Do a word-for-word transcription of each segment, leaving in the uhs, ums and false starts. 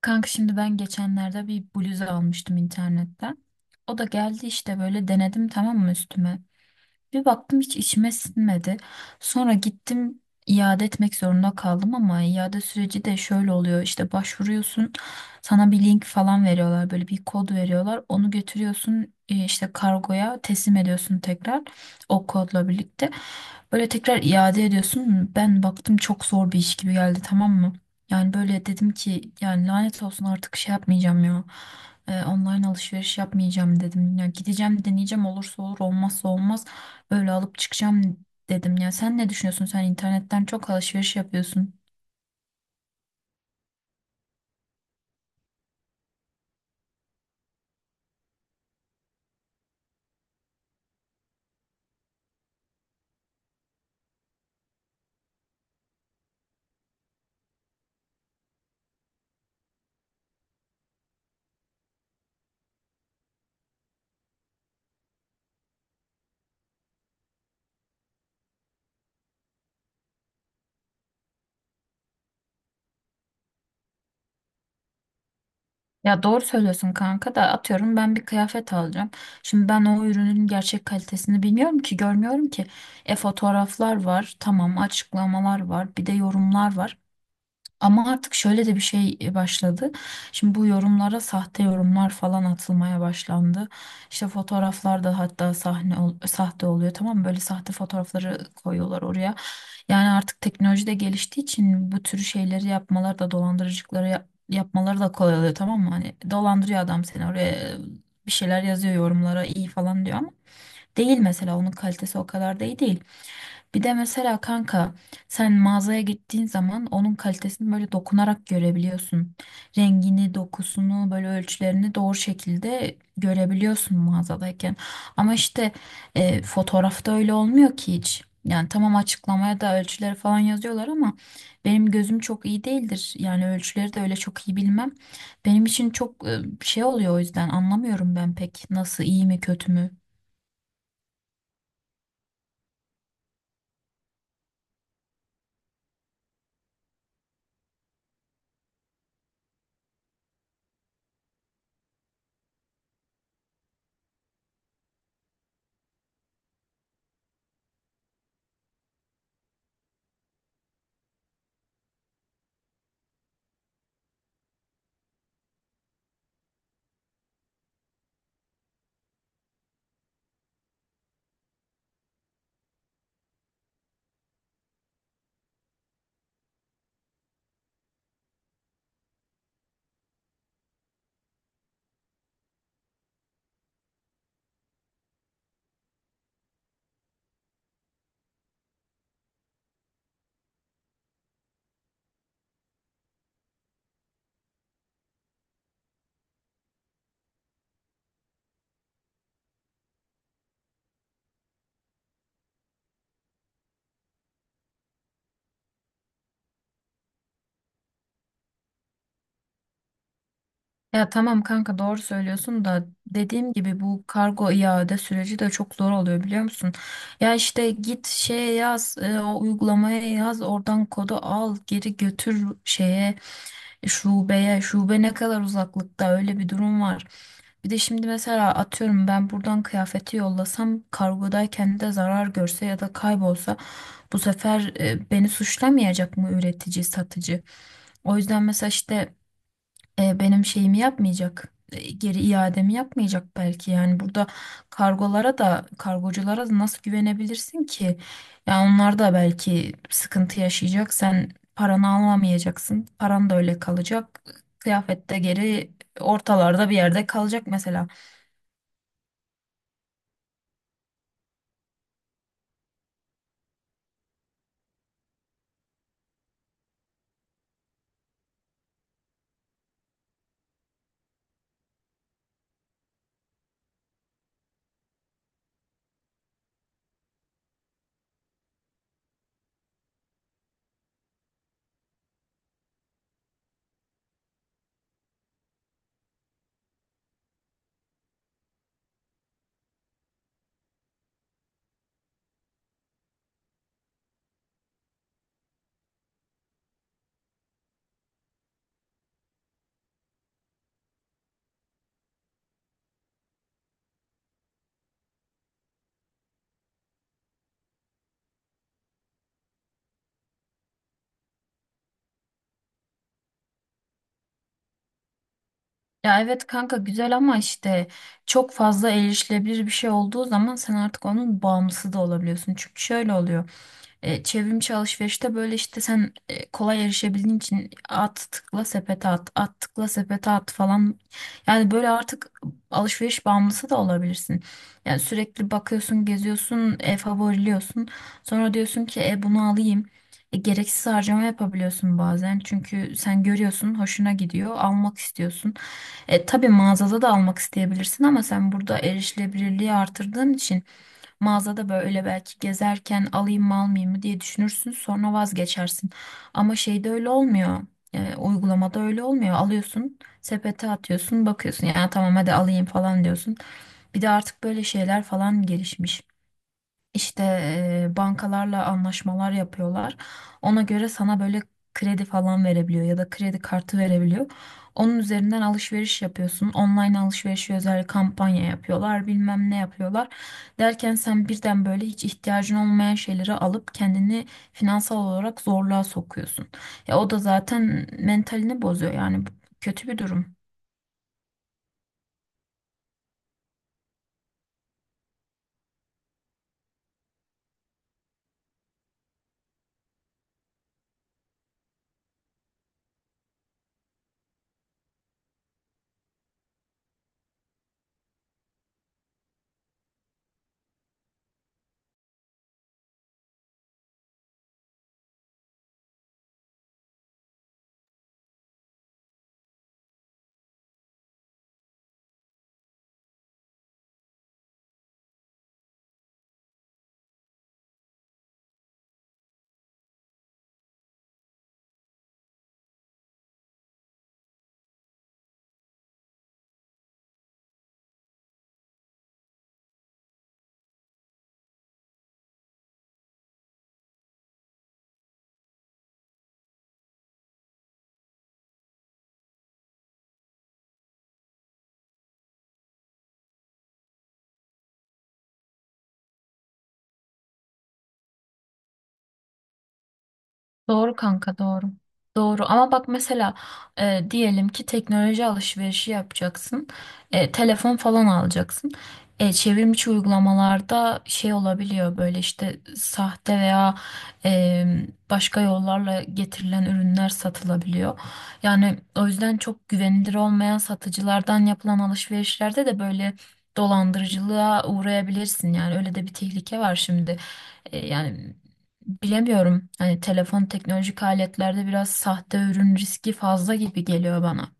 Kanka şimdi ben geçenlerde bir bluz almıştım internetten. O da geldi işte böyle denedim tamam mı üstüme. Bir baktım hiç içime sinmedi. Sonra gittim iade etmek zorunda kaldım ama iade süreci de şöyle oluyor. İşte başvuruyorsun, sana bir link falan veriyorlar, böyle bir kod veriyorlar. Onu götürüyorsun e, işte kargoya teslim ediyorsun tekrar o kodla birlikte. Böyle tekrar iade ediyorsun. Ben baktım çok zor bir iş gibi geldi, tamam mı? Yani böyle dedim ki yani lanet olsun artık şey yapmayacağım ya. E, online alışveriş yapmayacağım dedim. Ya gideceğim deneyeceğim, olursa olur olmazsa olmaz, öyle alıp çıkacağım dedim ya. Sen ne düşünüyorsun? Sen internetten çok alışveriş yapıyorsun. Ya doğru söylüyorsun kanka da atıyorum ben bir kıyafet alacağım. Şimdi ben o ürünün gerçek kalitesini bilmiyorum ki, görmüyorum ki. E fotoğraflar var, tamam, açıklamalar var, bir de yorumlar var. Ama artık şöyle de bir şey başladı. Şimdi bu yorumlara sahte yorumlar falan atılmaya başlandı. İşte fotoğraflarda hatta sahne ol- sahte oluyor, tamam mı? Böyle sahte fotoğrafları koyuyorlar oraya. Yani artık teknoloji de geliştiği için bu tür şeyleri yapmalar da dolandırıcılıkları yap- yapmaları da kolay oluyor, tamam mı? Hani dolandırıyor adam seni, oraya bir şeyler yazıyor yorumlara, iyi falan diyor ama değil, mesela onun kalitesi o kadar da iyi değil. Bir de mesela kanka sen mağazaya gittiğin zaman onun kalitesini böyle dokunarak görebiliyorsun. Rengini, dokusunu, böyle ölçülerini doğru şekilde görebiliyorsun mağazadayken. Ama işte e, fotoğrafta öyle olmuyor ki hiç. Yani tamam, açıklamaya da ölçüleri falan yazıyorlar ama benim gözüm çok iyi değildir. Yani ölçüleri de öyle çok iyi bilmem. Benim için çok e, şey oluyor, o yüzden anlamıyorum ben pek nasıl, iyi mi kötü mü. Ya tamam kanka doğru söylüyorsun da dediğim gibi bu kargo iade süreci de çok zor oluyor, biliyor musun? Ya işte git şeye yaz, e, o uygulamaya yaz, oradan kodu al, geri götür şeye, şubeye. Şube ne kadar uzaklıkta, öyle bir durum var. Bir de şimdi mesela atıyorum ben buradan kıyafeti yollasam kargodayken de zarar görse ya da kaybolsa, bu sefer e, beni suçlamayacak mı üretici, satıcı? O yüzden mesela işte e, benim şeyimi yapmayacak. E, geri iademi yapmayacak belki. Yani burada kargolara da kargoculara da nasıl güvenebilirsin ki? Ya onlar da belki sıkıntı yaşayacak. Sen paranı alamayacaksın. Paran da öyle kalacak. Kıyafet de geri ortalarda bir yerde kalacak mesela. Ya evet kanka güzel ama işte çok fazla erişilebilir bir şey olduğu zaman sen artık onun bağımlısı da olabiliyorsun. Çünkü şöyle oluyor. E, çevrimiçi alışverişte böyle işte sen e, kolay erişebildiğin için at tıkla sepete at, at tıkla sepete at falan. Yani böyle artık alışveriş bağımlısı da olabilirsin. Yani sürekli bakıyorsun, geziyorsun, e, favoriliyorsun. Sonra diyorsun ki e bunu alayım. E, gereksiz harcama yapabiliyorsun bazen. Çünkü sen görüyorsun, hoşuna gidiyor, almak istiyorsun. E, tabii mağazada da almak isteyebilirsin ama sen burada erişilebilirliği artırdığın için mağazada böyle belki gezerken alayım mı almayayım mı diye düşünürsün sonra vazgeçersin. Ama şeyde öyle olmuyor. E, uygulamada öyle olmuyor. Alıyorsun, sepete atıyorsun, bakıyorsun. Yani tamam hadi alayım falan diyorsun. Bir de artık böyle şeyler falan gelişmiş. İşte e, bankalarla anlaşmalar yapıyorlar. Ona göre sana böyle kredi falan verebiliyor ya da kredi kartı verebiliyor. Onun üzerinden alışveriş yapıyorsun. Online alışverişi özel kampanya yapıyorlar, bilmem ne yapıyorlar. Derken sen birden böyle hiç ihtiyacın olmayan şeyleri alıp kendini finansal olarak zorluğa sokuyorsun. Ya o da zaten mentalini bozuyor, yani bu kötü bir durum. Doğru kanka doğru. Doğru ama bak mesela e, diyelim ki teknoloji alışverişi yapacaksın. E, telefon falan alacaksın. E, çevrimiçi uygulamalarda şey olabiliyor, böyle işte sahte veya e, başka yollarla getirilen ürünler satılabiliyor. Yani o yüzden çok güvenilir olmayan satıcılardan yapılan alışverişlerde de böyle dolandırıcılığa uğrayabilirsin. Yani öyle de bir tehlike var şimdi. E, yani Bilemiyorum. Hani telefon, teknolojik aletlerde biraz sahte ürün riski fazla gibi geliyor bana.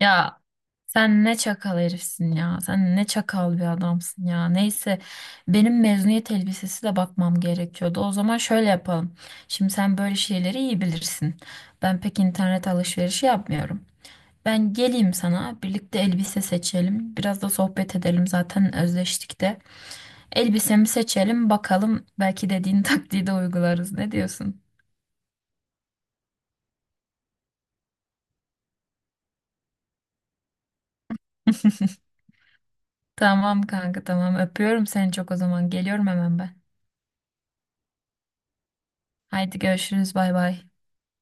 Ya sen ne çakal herifsin ya. Sen ne çakal bir adamsın ya. Neyse benim mezuniyet elbisesi de bakmam gerekiyordu. O zaman şöyle yapalım. Şimdi sen böyle şeyleri iyi bilirsin. Ben pek internet alışverişi yapmıyorum. Ben geleyim sana, birlikte elbise seçelim. Biraz da sohbet edelim, zaten özleştik de. Elbisemi seçelim bakalım, belki dediğin taktiği de uygularız. Ne diyorsun? Tamam kanka tamam, öpüyorum seni çok o zaman. Geliyorum hemen ben. Haydi görüşürüz, bay bay.